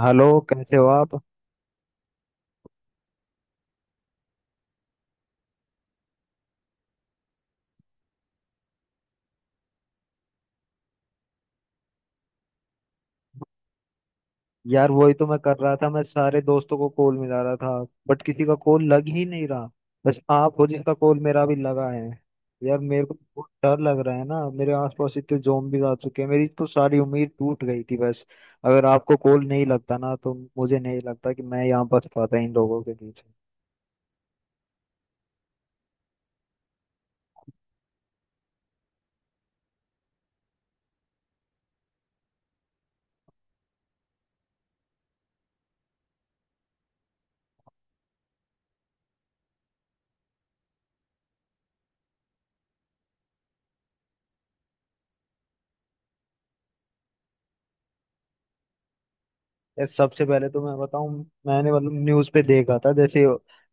Hello, कैसे हो आप। यार वही तो मैं कर रहा था, मैं सारे दोस्तों को कॉल मिला रहा था बट किसी का कॉल लग ही नहीं रहा। बस आप हो जिसका कॉल मेरा अभी लगा है। यार मेरे को तो बहुत डर लग रहा है ना, मेरे आसपास इतने zombies आ चुके हैं, मेरी तो सारी उम्मीद टूट गई थी। बस, अगर आपको कॉल नहीं लगता ना तो मुझे नहीं लगता कि मैं यहाँ बच पाता इन लोगों के बीच। यार सबसे पहले तो मैं बताऊं, मैंने मतलब न्यूज पे देखा था, जैसे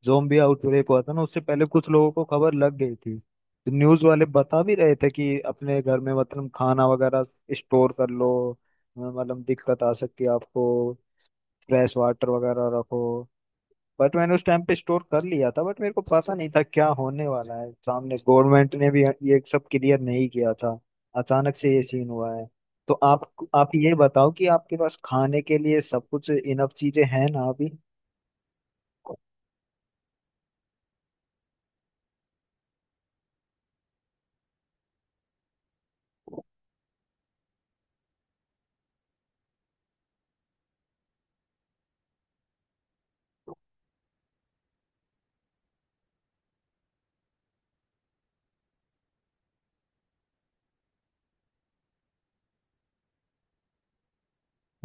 जोम्बी आउटब्रेक हुआ था ना, उससे पहले कुछ लोगों को खबर लग गई थी तो न्यूज वाले बता भी रहे थे कि अपने घर में मतलब खाना वगैरह स्टोर कर लो, मतलब दिक्कत आ सकती है आपको, फ्रेश वाटर वगैरह रखो। बट मैंने उस टाइम पे स्टोर कर लिया था, बट मेरे को पता नहीं था क्या होने वाला है सामने, गवर्नमेंट ने भी ये सब क्लियर नहीं किया था, अचानक से ये सीन हुआ है। तो आप ये बताओ कि आपके पास खाने के लिए सब कुछ इनफ चीजें हैं ना अभी।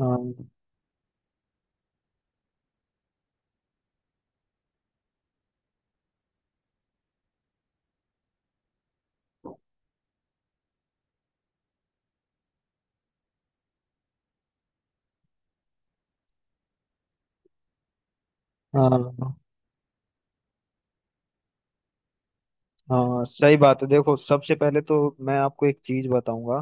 हाँ, हाँ, हाँ, सही बात है। देखो, सबसे पहले तो मैं आपको एक चीज बताऊंगा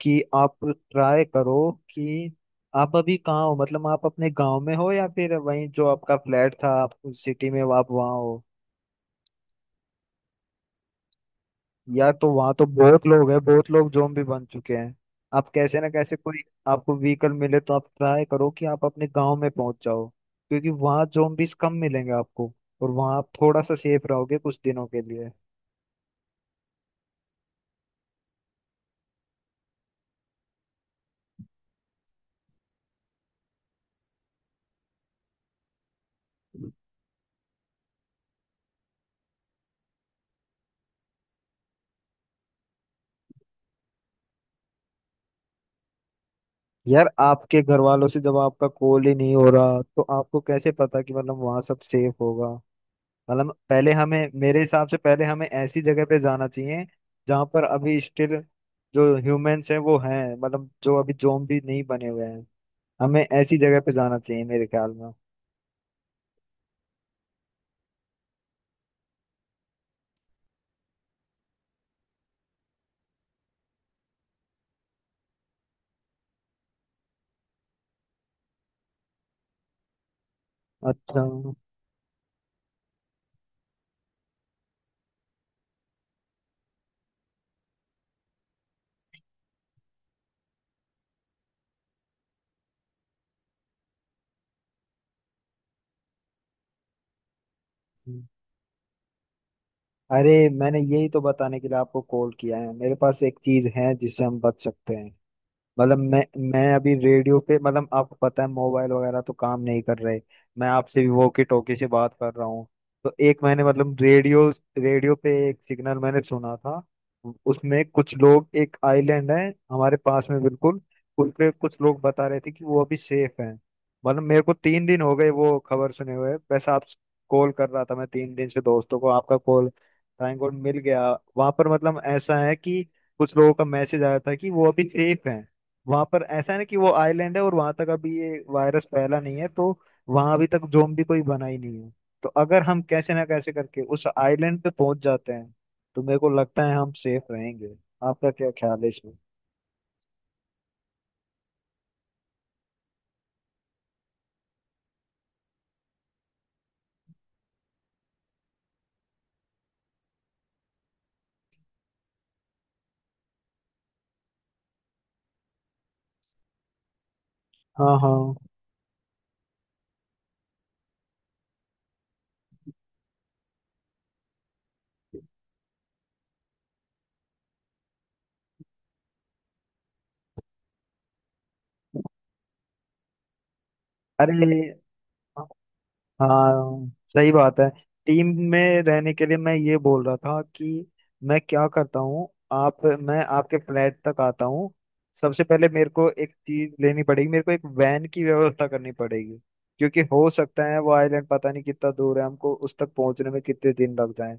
कि आप ट्राई करो कि आप अभी कहाँ हो, मतलब आप अपने गांव में हो या फिर वहीं जो आपका फ्लैट था, आप उस सिटी में आप वहाँ हो। यार, तो वहां तो बहुत लोग हैं, बहुत लोग ज़ॉम्बी बन चुके हैं। आप कैसे ना कैसे कोई आपको व्हीकल मिले तो आप ट्राई करो कि आप अपने गांव में पहुंच जाओ, क्योंकि वहां ज़ॉम्बीज कम मिलेंगे आपको और वहां आप थोड़ा सा सेफ रहोगे कुछ दिनों के लिए। यार, आपके घर वालों से जब आपका कॉल ही नहीं हो रहा तो आपको कैसे पता कि मतलब वहां सब सेफ होगा। मतलब पहले हमें, मेरे हिसाब से पहले हमें ऐसी जगह पे जाना चाहिए जहां पर अभी स्टिल जो ह्यूमंस हैं वो हैं, मतलब जो अभी ज़ॉम्बी नहीं बने हुए हैं, हमें ऐसी जगह पे जाना चाहिए मेरे ख्याल में। अच्छा, अरे, मैंने यही तो बताने के लिए आपको कॉल किया है, मेरे पास एक चीज है जिससे हम बच सकते हैं। मतलब, मैं अभी रेडियो पे, मतलब आपको पता है मोबाइल वगैरह तो काम नहीं कर रहे, मैं आपसे भी वॉकी टॉकी से बात कर रहा हूँ। तो एक मैंने मतलब रेडियो रेडियो पे एक सिग्नल मैंने सुना था। उसमें कुछ लोग, एक आइलैंड है हमारे पास में बिल्कुल, उस पे कुछ लोग बता रहे थे कि वो अभी सेफ हैं। मतलब मेरे को 3 दिन हो गए वो खबर सुने हुए, वैसे आप कॉल कर रहा था मैं 3 दिन से दोस्तों को, आपका कॉल थैंक गॉड मिल गया। वहां पर मतलब ऐसा है कि कुछ लोगों का मैसेज आया था कि वो अभी सेफ है। वहां पर ऐसा है ना कि वो आइलैंड है और वहां तक अभी ये वायरस फैला नहीं है, तो वहां अभी तक जोम्बी कोई बना ही नहीं है। तो अगर हम कैसे ना कैसे करके उस आइलैंड पे पहुंच जाते हैं तो मेरे को लगता है हम सेफ रहेंगे। आपका क्या ख्याल है इसमें? हाँ, हाँ, अरे हाँ, सही बात है। टीम में रहने के लिए मैं ये बोल रहा था कि मैं क्या करता हूँ, आप मैं आपके फ्लैट तक आता हूँ। सबसे पहले मेरे को एक चीज लेनी पड़ेगी, मेरे को एक वैन की व्यवस्था करनी पड़ेगी क्योंकि हो सकता है वो आइलैंड पता नहीं कितना दूर है, हमको उस तक पहुंचने में कितने दिन लग जाए।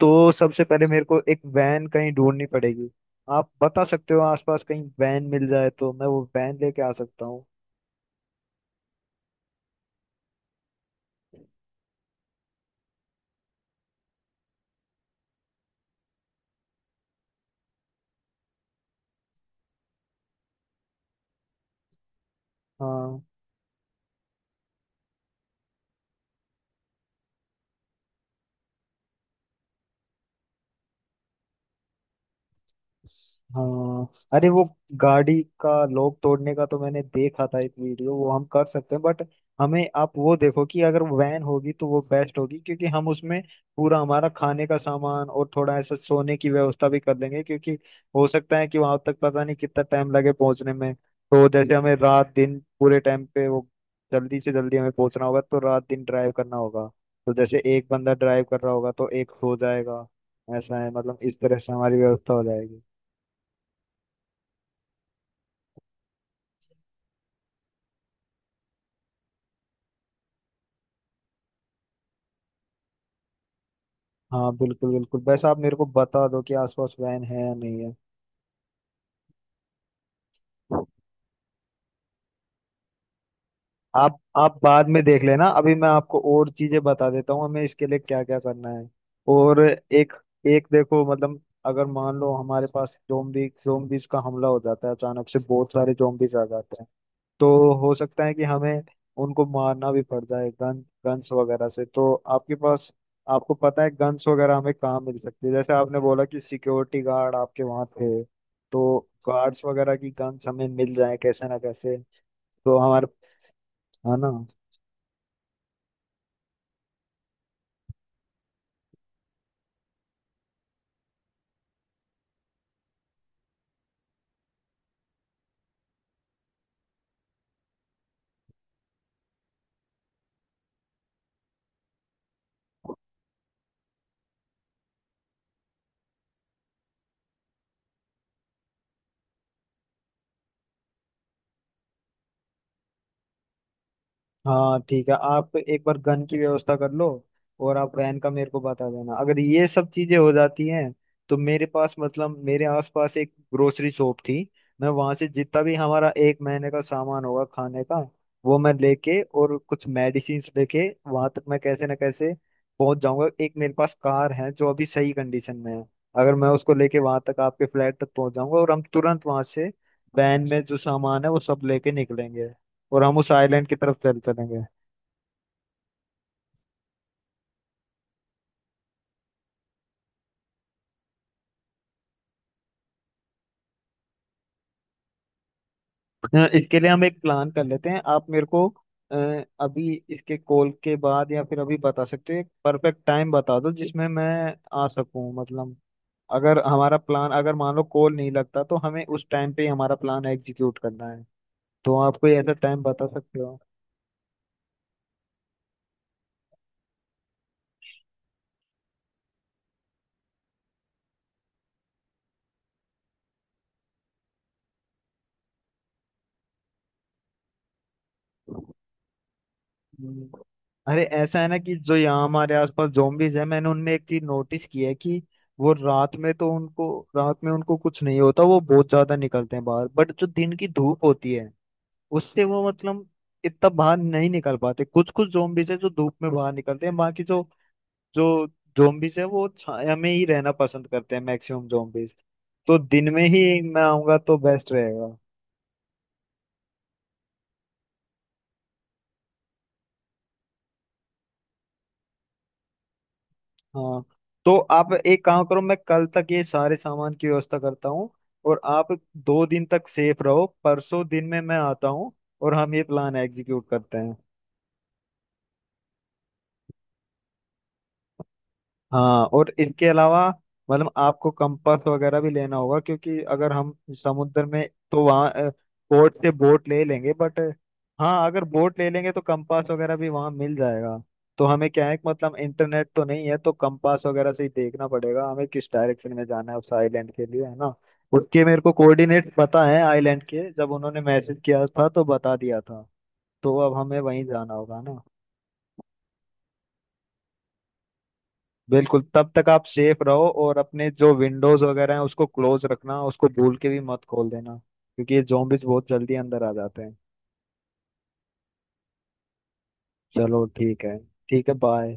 तो सबसे पहले मेरे को एक वैन कहीं ढूंढनी पड़ेगी। आप बता सकते हो आसपास कहीं वैन मिल जाए तो मैं वो वैन लेके आ सकता हूँ। हाँ, हाँ, अरे वो गाड़ी का लॉक तोड़ने का तो मैंने देखा था एक वीडियो, वो हम कर सकते हैं, बट हमें आप वो देखो कि अगर वैन होगी तो वो बेस्ट होगी क्योंकि हम उसमें पूरा हमारा खाने का सामान और थोड़ा ऐसा सोने की व्यवस्था भी कर लेंगे क्योंकि हो सकता है कि वहां तक पता नहीं कितना टाइम लगे पहुंचने में, तो जैसे हमें रात दिन पूरे टाइम पे वो जल्दी से जल्दी हमें पहुंचना होगा तो रात दिन ड्राइव करना होगा। तो जैसे एक बंदा ड्राइव कर रहा होगा तो एक हो जाएगा, ऐसा है, मतलब इस तरह से हमारी व्यवस्था हो जाएगी। हाँ, बिल्कुल बिल्कुल, बस आप मेरे को बता दो कि आसपास वैन है या नहीं है। आप बाद में देख लेना, अभी मैं आपको और चीजें बता देता हूँ हमें इसके लिए क्या क्या करना है। और एक एक देखो, मतलब अगर मान लो हमारे पास जोम्बीज का हमला हो जाता है अचानक से, बहुत सारे जोम्बीज आ जाते हैं, तो हो सकता है कि हमें उनको मारना भी पड़ जाए गन गन्स वगैरह से। तो आपके पास आपको पता है गन्स वगैरह हमें कहाँ मिल सकती है, जैसे आपने बोला कि सिक्योरिटी गार्ड आपके वहाँ थे, तो गार्ड्स वगैरह की गन्स हमें मिल जाए कैसे ना कैसे। तो हमारे है ना। हाँ ठीक है, आप एक बार गन की व्यवस्था कर लो और आप वैन का मेरे को बता देना अगर ये सब चीजें हो जाती हैं। तो मेरे पास, मतलब मेरे आसपास एक ग्रोसरी शॉप थी, मैं वहां से जितना भी हमारा एक महीने का सामान होगा खाने का, वो मैं लेके और कुछ मेडिसिन लेके वहां तक मैं कैसे ना कैसे पहुंच जाऊंगा। एक मेरे पास कार है जो अभी सही कंडीशन में है, अगर मैं उसको लेके वहां तक आपके फ्लैट तक पहुंच जाऊंगा और हम तुरंत वहां से वैन में जो सामान है वो सब लेके निकलेंगे और हम उस आइलैंड की तरफ चल चलेंगे। इसके लिए हम एक प्लान कर लेते हैं, आप मेरे को, अभी इसके कॉल के बाद या फिर अभी बता सकते हो, एक परफेक्ट टाइम बता दो जिसमें मैं आ सकूं, मतलब अगर हमारा प्लान, अगर मान लो कॉल नहीं लगता, तो हमें उस टाइम पे ही हमारा प्लान एग्जीक्यूट करना है, तो आप कोई ऐसा टाइम बता सकते हो? हम्म। अरे, ऐसा है ना कि जो यहाँ हमारे आसपास zombies है, मैंने उनमें एक चीज नोटिस की है कि वो रात में तो उनको रात में उनको कुछ नहीं होता, वो बहुत ज्यादा निकलते हैं बाहर, बट जो दिन की धूप होती है उससे वो मतलब इतना बाहर नहीं निकल पाते। कुछ कुछ zombies है जो धूप में बाहर निकलते हैं, बाकी जो जो zombies है वो छाया में ही रहना पसंद करते हैं, मैक्सिमम zombies तो दिन में ही मैं आऊंगा तो बेस्ट रहेगा। हाँ, तो आप एक काम करो, मैं कल तक ये सारे सामान की व्यवस्था करता हूँ और आप 2 दिन तक सेफ रहो, परसों दिन में मैं आता हूँ और हम ये प्लान एग्जीक्यूट करते हैं। हाँ, और इसके अलावा मतलब आपको कंपास वगैरह भी लेना होगा क्योंकि अगर हम समुद्र में, तो वहाँ बोट से बोट ले लेंगे बट, हाँ, अगर बोट ले लेंगे तो कंपास वगैरह भी वहाँ मिल जाएगा। तो हमें क्या है कि मतलब इंटरनेट तो नहीं है तो कंपास वगैरह से ही देखना पड़ेगा हमें किस डायरेक्शन में जाना है उस आइलैंड के लिए, है ना। उसके मेरे को कोऑर्डिनेट पता है आइलैंड के, जब उन्होंने मैसेज किया था तो बता दिया था, तो अब हमें वहीं जाना होगा। बिल्कुल, तब तक आप सेफ रहो और अपने जो विंडोज वगैरह हैं उसको क्लोज रखना, उसको भूल के भी मत खोल देना क्योंकि ये zombies बहुत जल्दी अंदर आ जाते हैं। चलो ठीक है, ठीक है बाय।